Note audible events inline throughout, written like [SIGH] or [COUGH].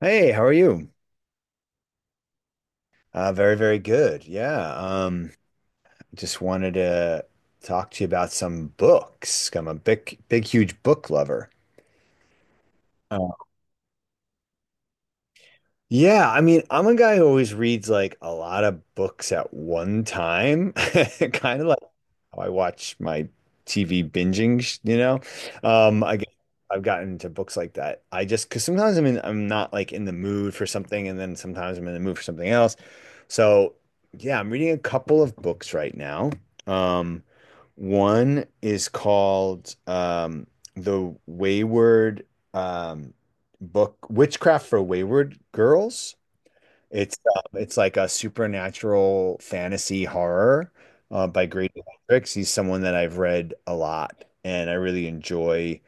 Hey, how are you? Very, very good. Yeah. Just wanted to talk to you about some books. I'm a big, big, huge book lover. Yeah, I mean, I'm a guy who always reads like a lot of books at one time, [LAUGHS] kind of like how I watch my TV binging, I guess I've gotten into books like that. I just because sometimes I'm not like in the mood for something, and then sometimes I'm in the mood for something else. So yeah, I'm reading a couple of books right now. Um, one is called The Wayward. Um, book, Witchcraft for Wayward Girls. It's like a supernatural fantasy horror by Great Hendricks. He's someone that I've read a lot, and I really enjoy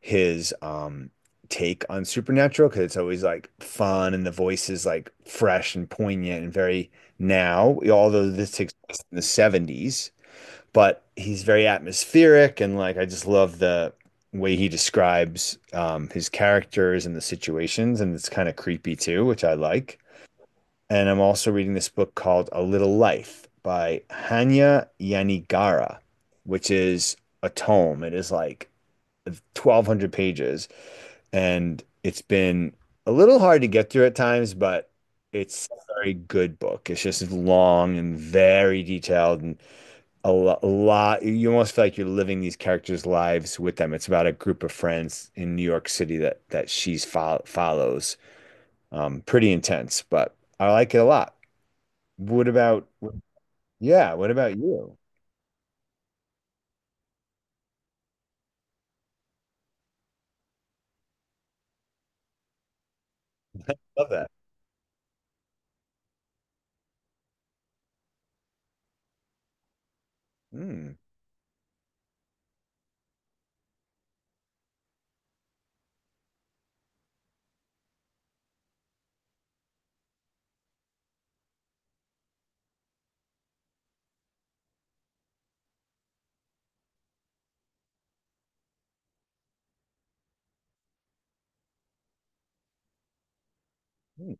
his take on supernatural because it's always like fun and the voice is like fresh and poignant and very now. Although this takes place in the 70s, but he's very atmospheric and like I just love the way he describes his characters and the situations, and it's kind of creepy too, which I like. And I'm also reading this book called A Little Life by Hanya Yanigara, which is a tome. It is like 1,200 pages, and it's been a little hard to get through at times, but it's a very good book. It's just long and very detailed, and a lot, a lot. You almost feel like you're living these characters' lives with them. It's about a group of friends in New York City that follows. Pretty intense, but I like it a lot. What about, yeah, what about you? Love that. Mm, mm,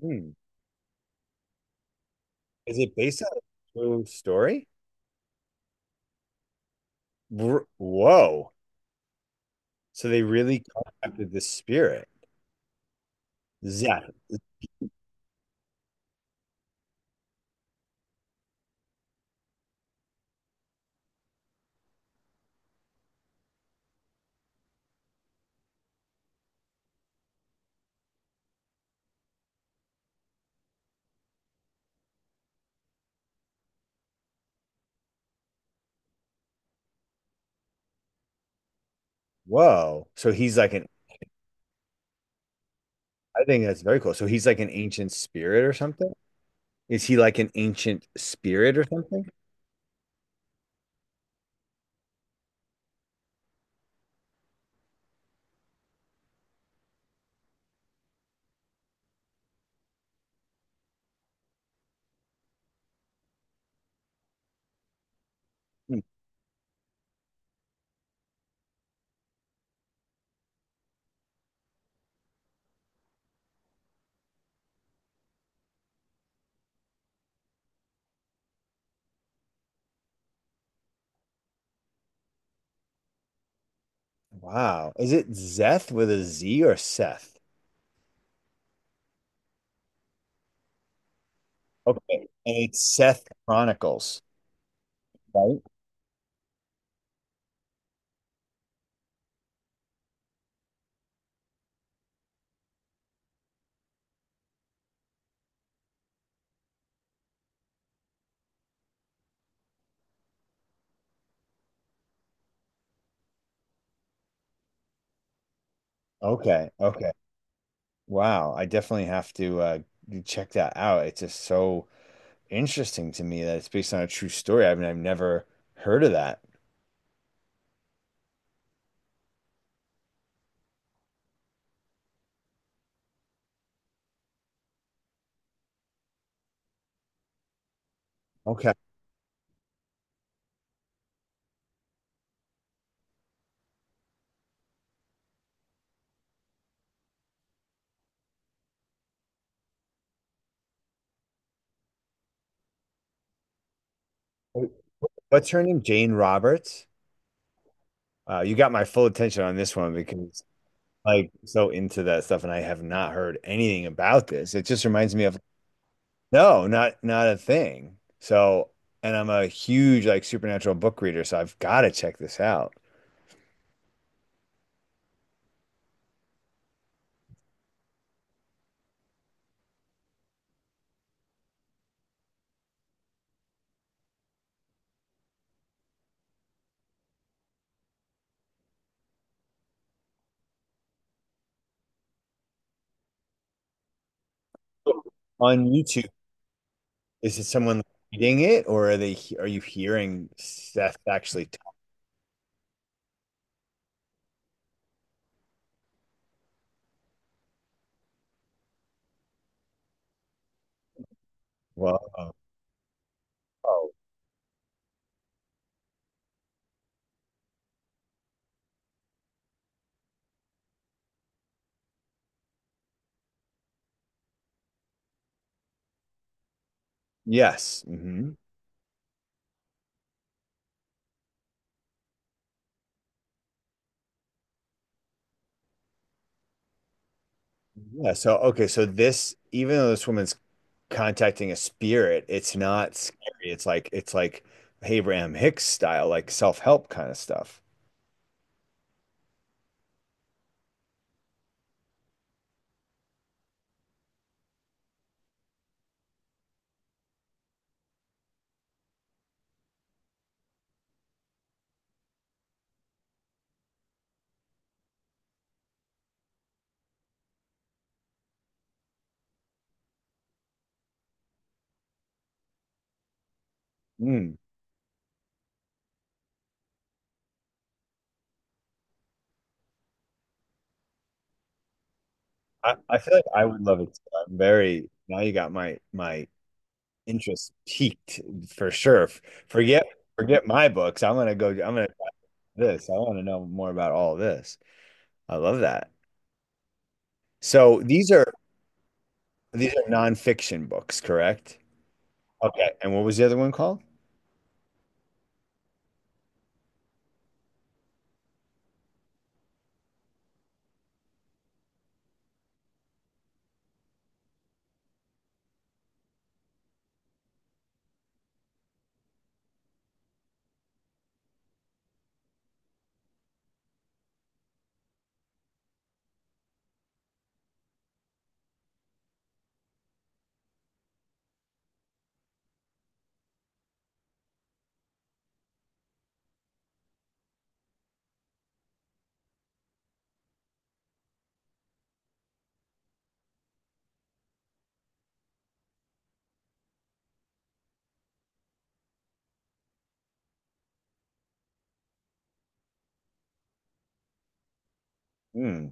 mm. Is it based on a true story? Whoa. So they really contacted the spirit. Zeph. Whoa. I think that's very cool. So he's like an ancient spirit or something? Is he like an ancient spirit or something? Wow. Is it Zeth with a Z or Seth? Okay. And it's Seth Chronicles, right? Okay. Okay. Wow. I definitely have to check that out. It's just so interesting to me that it's based on a true story. I mean, I've never heard of that. Okay. What's her name? Jane Roberts. You got my full attention on this one because like so into that stuff and I have not heard anything about this. It just reminds me of no, not a thing. So, and I'm a huge like supernatural book reader, so I've got to check this out. On YouTube, is it someone reading it, or are they are you hearing Seth actually talk? Well, oh, oh, yes. Hmm. Yeah. So, okay. So this, even though this woman's contacting a spirit. It's not scary. It's like Abraham Hicks style, like self-help kind of stuff. Mm. I feel like I would love it. I'm very now you got my interest peaked for sure. Forget forget my books. I'm gonna go. I'm gonna try this. I want to know more about all this. I love that. So these are nonfiction books, correct? Okay. And what was the other one called? Hmm.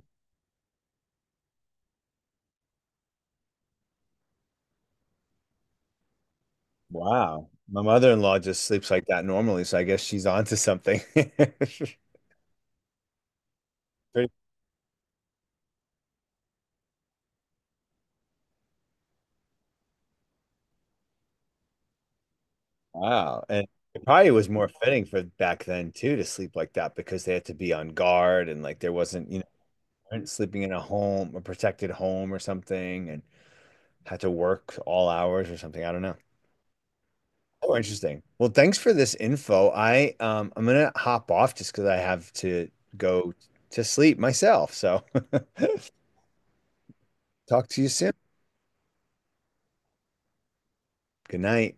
Wow. My mother-in-law just sleeps like that normally, so I guess she's onto something. [LAUGHS] Pretty- Wow. And it probably was more fitting for back then too to sleep like that because they had to be on guard and like there wasn't, you know, they weren't sleeping in a home, a protected home or something and had to work all hours or something. I don't know. Oh, interesting. Well, thanks for this info. I'm gonna hop off just because I have to go to sleep myself. So [LAUGHS] talk to you soon. Good night.